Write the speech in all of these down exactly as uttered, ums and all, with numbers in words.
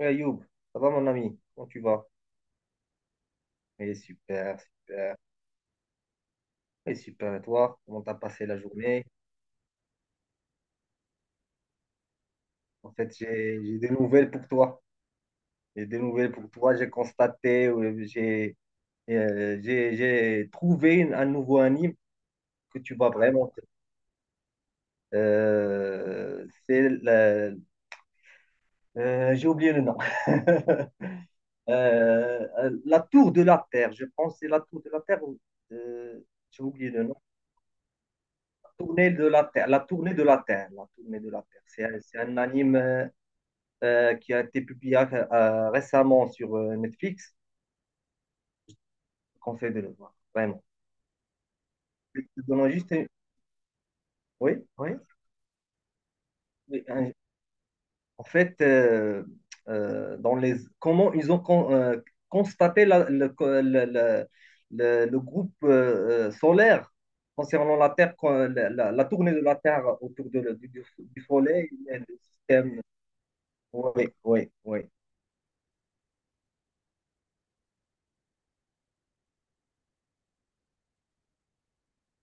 Ouais, Youb, ça va mon ami? Comment tu vas? Eh, super, super. Eh, super, et toi? Comment t'as passé la journée? En fait, j'ai j'ai des nouvelles pour toi. J'ai des nouvelles pour toi. J'ai constaté, euh, j'ai euh, j'ai j'ai trouvé une- un nouveau anime que tu vas vraiment. Euh, c'est le- euh, j'ai oublié le nom. Euh, la Tour de la Terre. Je pense que c'est la Tour de la Terre. ou- euh, j'ai oublié le nom. Tournée de la Terre, la tournée de la Terre, la tournée de la Terre. C'est un, c'est un anime euh, euh, qui a été publié euh, récemment sur euh, Netflix. Je conseille de le voir, vraiment. Je te donne juste une- Oui, oui. Mais, euh, En fait, euh, euh, dans les... comment ils ont con- euh, constaté la- le, co- le- le- le- le groupe euh, euh, solaire concernant la Terre, quand la, la- la tournée de la Terre autour de, le- du, du- du Soleil, et le système. Oui, oui, oui,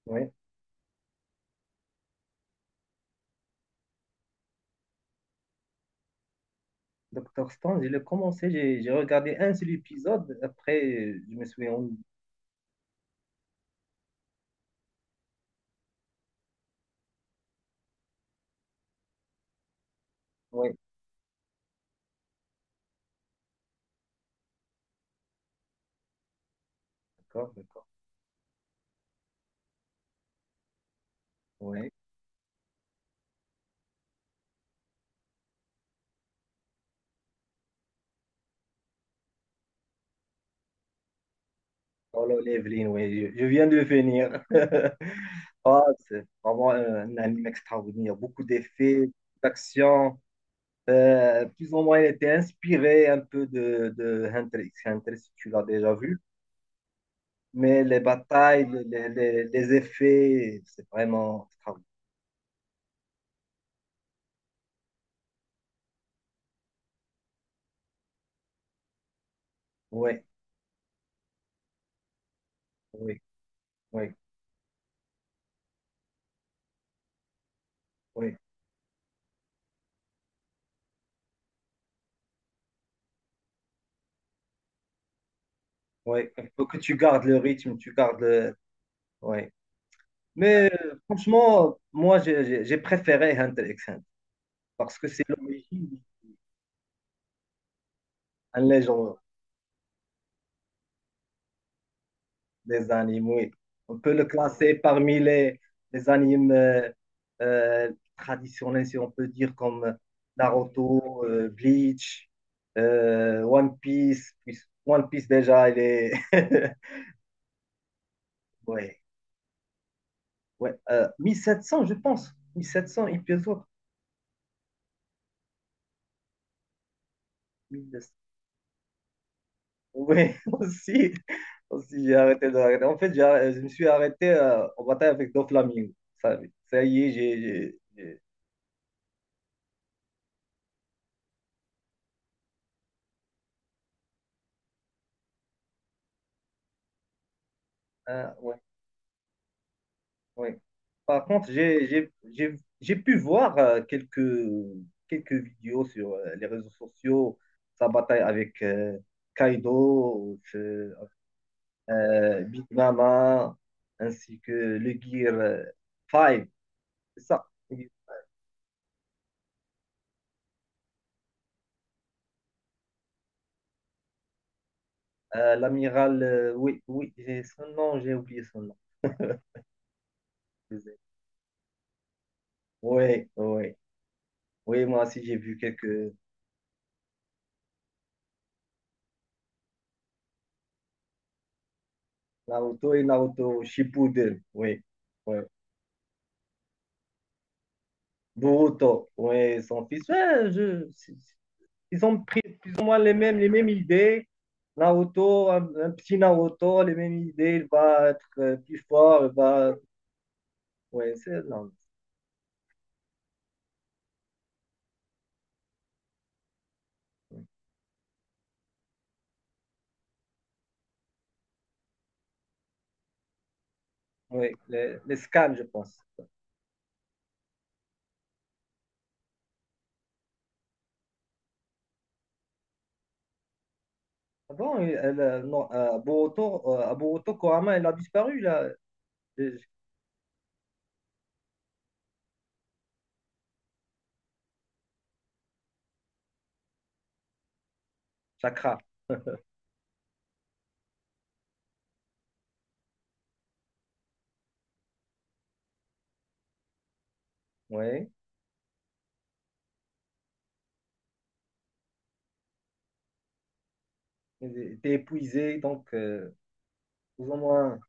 oui. Docteur Stone, je l'ai commencé, j'ai j'ai regardé un seul épisode. Après, euh, je me suis en... Ouais, d'accord, d'accord. Ouais. Oh là, Evelyn, ouais, je, je viens de finir. Ah, c'est vraiment euh, un anime extraordinaire. Beaucoup d'effets, d'action. Euh, plus ou moins, il était inspiré un peu de, de Hunter x Hunter, si tu l'as déjà vu. Mais les batailles, les, les, les effets, c'est vraiment extraordinaire. Oui, oui, oui, oui, oui. Il faut que tu gardes le rythme, tu gardes le- Ouais. Mais euh, franchement, moi, j'ai j'ai- j'ai préféré Hunter x Hunter parce que c'est l'origine en légende des animes, oui. On peut le classer parmi les, les animes euh, euh, traditionnels, si on peut dire, comme Naruto, euh, Bleach, euh, One Piece. Puis- One Piece, déjà, il est... Ouais, ouais. Euh, mille sept cents, je pense. mille sept cents épisodes. Oui, aussi, aussi j'ai arrêté de regarder. En fait, j'ai arr- je me suis arrêté euh, en bataille avec Doflamingo. Ça, ça y est. j'ai. J'ai- j'ai- ah, ouais, ouais. Par contre, j'ai j'ai- j'ai- j'ai pu voir euh, quelques, quelques vidéos sur euh, les réseaux sociaux, sa bataille avec euh, Kaido, euh, euh, Big Mama, ainsi que le Gear cinq. C'est ça. Euh, l'amiral, euh, oui, oui, j'ai son nom, j'ai oublié son nom. Oui, oui. Oui, moi aussi, j'ai vu quelques Naruto et Naruto Shippuden. Oui, oui. Boruto, oui, son fils. Ouais, je- Ils ont pris plus ou moins les mêmes, les mêmes idées. Naruto, un, un petit Naruto, les mêmes idées. Il va être euh, plus fort. Il va... Oui, c'est... Non. Oui, les, les scans, je pense. Avant, elle, euh, non, euh, Boruto, euh, à Boruto, Kurama, elle a disparu, là. Le Chakra. Oui. Il était épuisé, donc... euh, plus ou moins.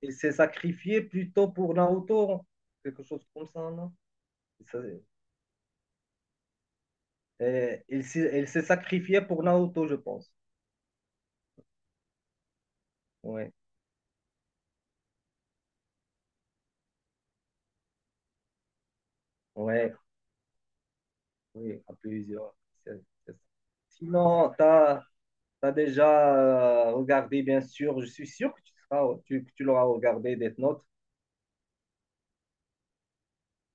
Il s'est sacrifié plutôt pour Naoto, quelque chose comme ça, non? Ça, euh, il s'est il s'est sacrifié pour Naoto, je pense. Ouais, ouais, oui, à plusieurs. C'est- c'est ça. Sinon, tu as, déjà euh, regardé, bien sûr, je suis sûr que tu seras, tu, que tu l'auras regardé, Death Note.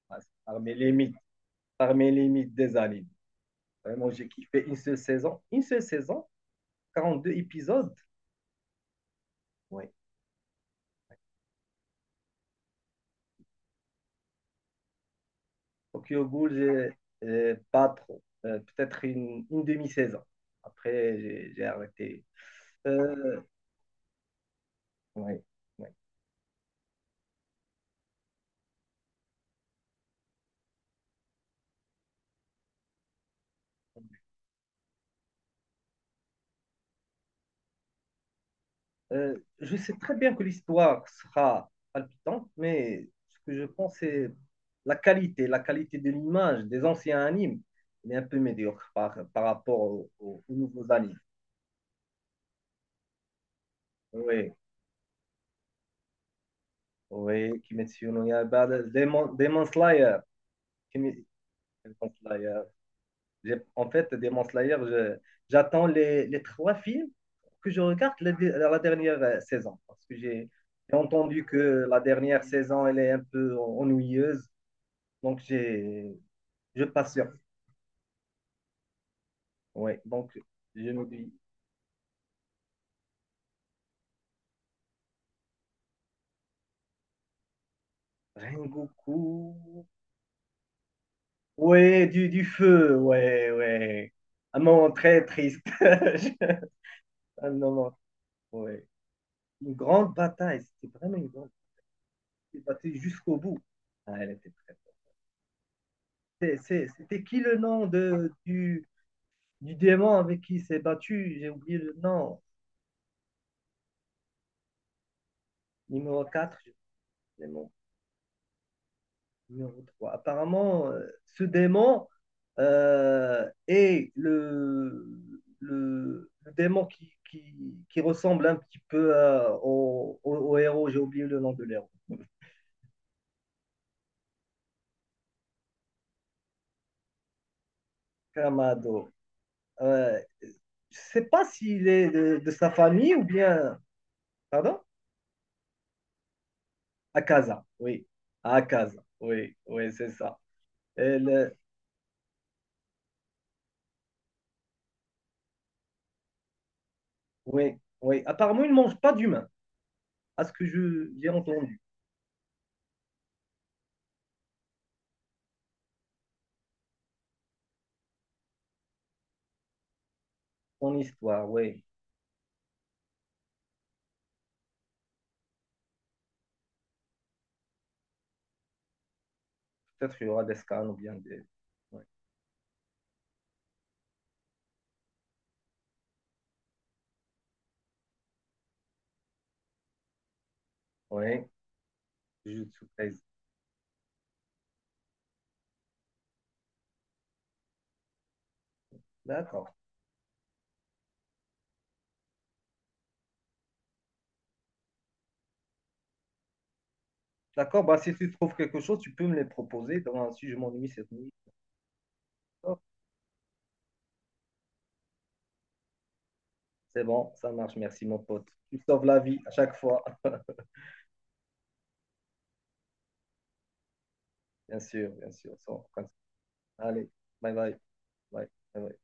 Ah, c'est parmi les mythes, parmi les mythes des animes. Vraiment, j'ai kiffé une seule saison, une seule saison, quarante-deux épisodes. Ouais. Tokyo Ghoul, j'ai j'ai pas trop. Euh, peut-être une, une demi-saison. Après, j'ai j'ai arrêté. Euh, ouais, ouais. Euh, je sais très bien que l'histoire sera palpitante, mais ce que je pense, c'est la qualité, la qualité de l'image des anciens animes. Elle est un peu médiocre par, par rapport au- au- aux, nouveaux animes. Oui, oui, Kimetsu no Yaiba, Demon, Demon Slayer, Kimi- Demon Slayer. J'ai- En fait, Demon Slayer, je- j'attends les, les trois films que je regarde la, la dernière euh, saison. Parce que j'ai j'ai entendu que la dernière saison, elle est un peu en- ennuyeuse. Donc, j'ai, je patiente. Ouais, donc, je me dis, Rengoku. Ouais, du, du feu. Ouais, ouais. Un moment très triste. Je- Un moment, ouais. Une grande bataille. C'était vraiment une grande bataille. Il s'est battu jusqu'au bout. Ah, elle était c'est- c'est- C'était qui le nom de, du, du démon avec qui il s'est battu? J'ai oublié le nom. Numéro quatre, j'ai oublié le nom. Numéro trois. Apparemment, euh, ce démon euh, est le, le, le démon qui, qui, qui ressemble un petit peu euh, au, au- au héros. J'ai oublié le nom de l'héros. Kamado. Euh, je sais pas s'il est de, de sa famille ou bien. Pardon? Akaza, oui. Akaza, oui, oui, c'est ça. Oui, oui. Apparemment, il ne mange pas d'humains, à ce que je j'ai entendu. Son histoire, oui. Peut-être qu'il y aura des scans ou bien des. Oui, oui. Je te surprise. D'accord. D'accord, bah, si tu trouves quelque chose, tu peux me les proposer. Dans, si je m'ennuie cette nuit, d'accord. C'est bon, ça marche. Merci, mon pote. Tu sauves la vie à chaque fois. Bien sûr, bien sûr. Sans- Allez, bye bye. Bye. Bye bye.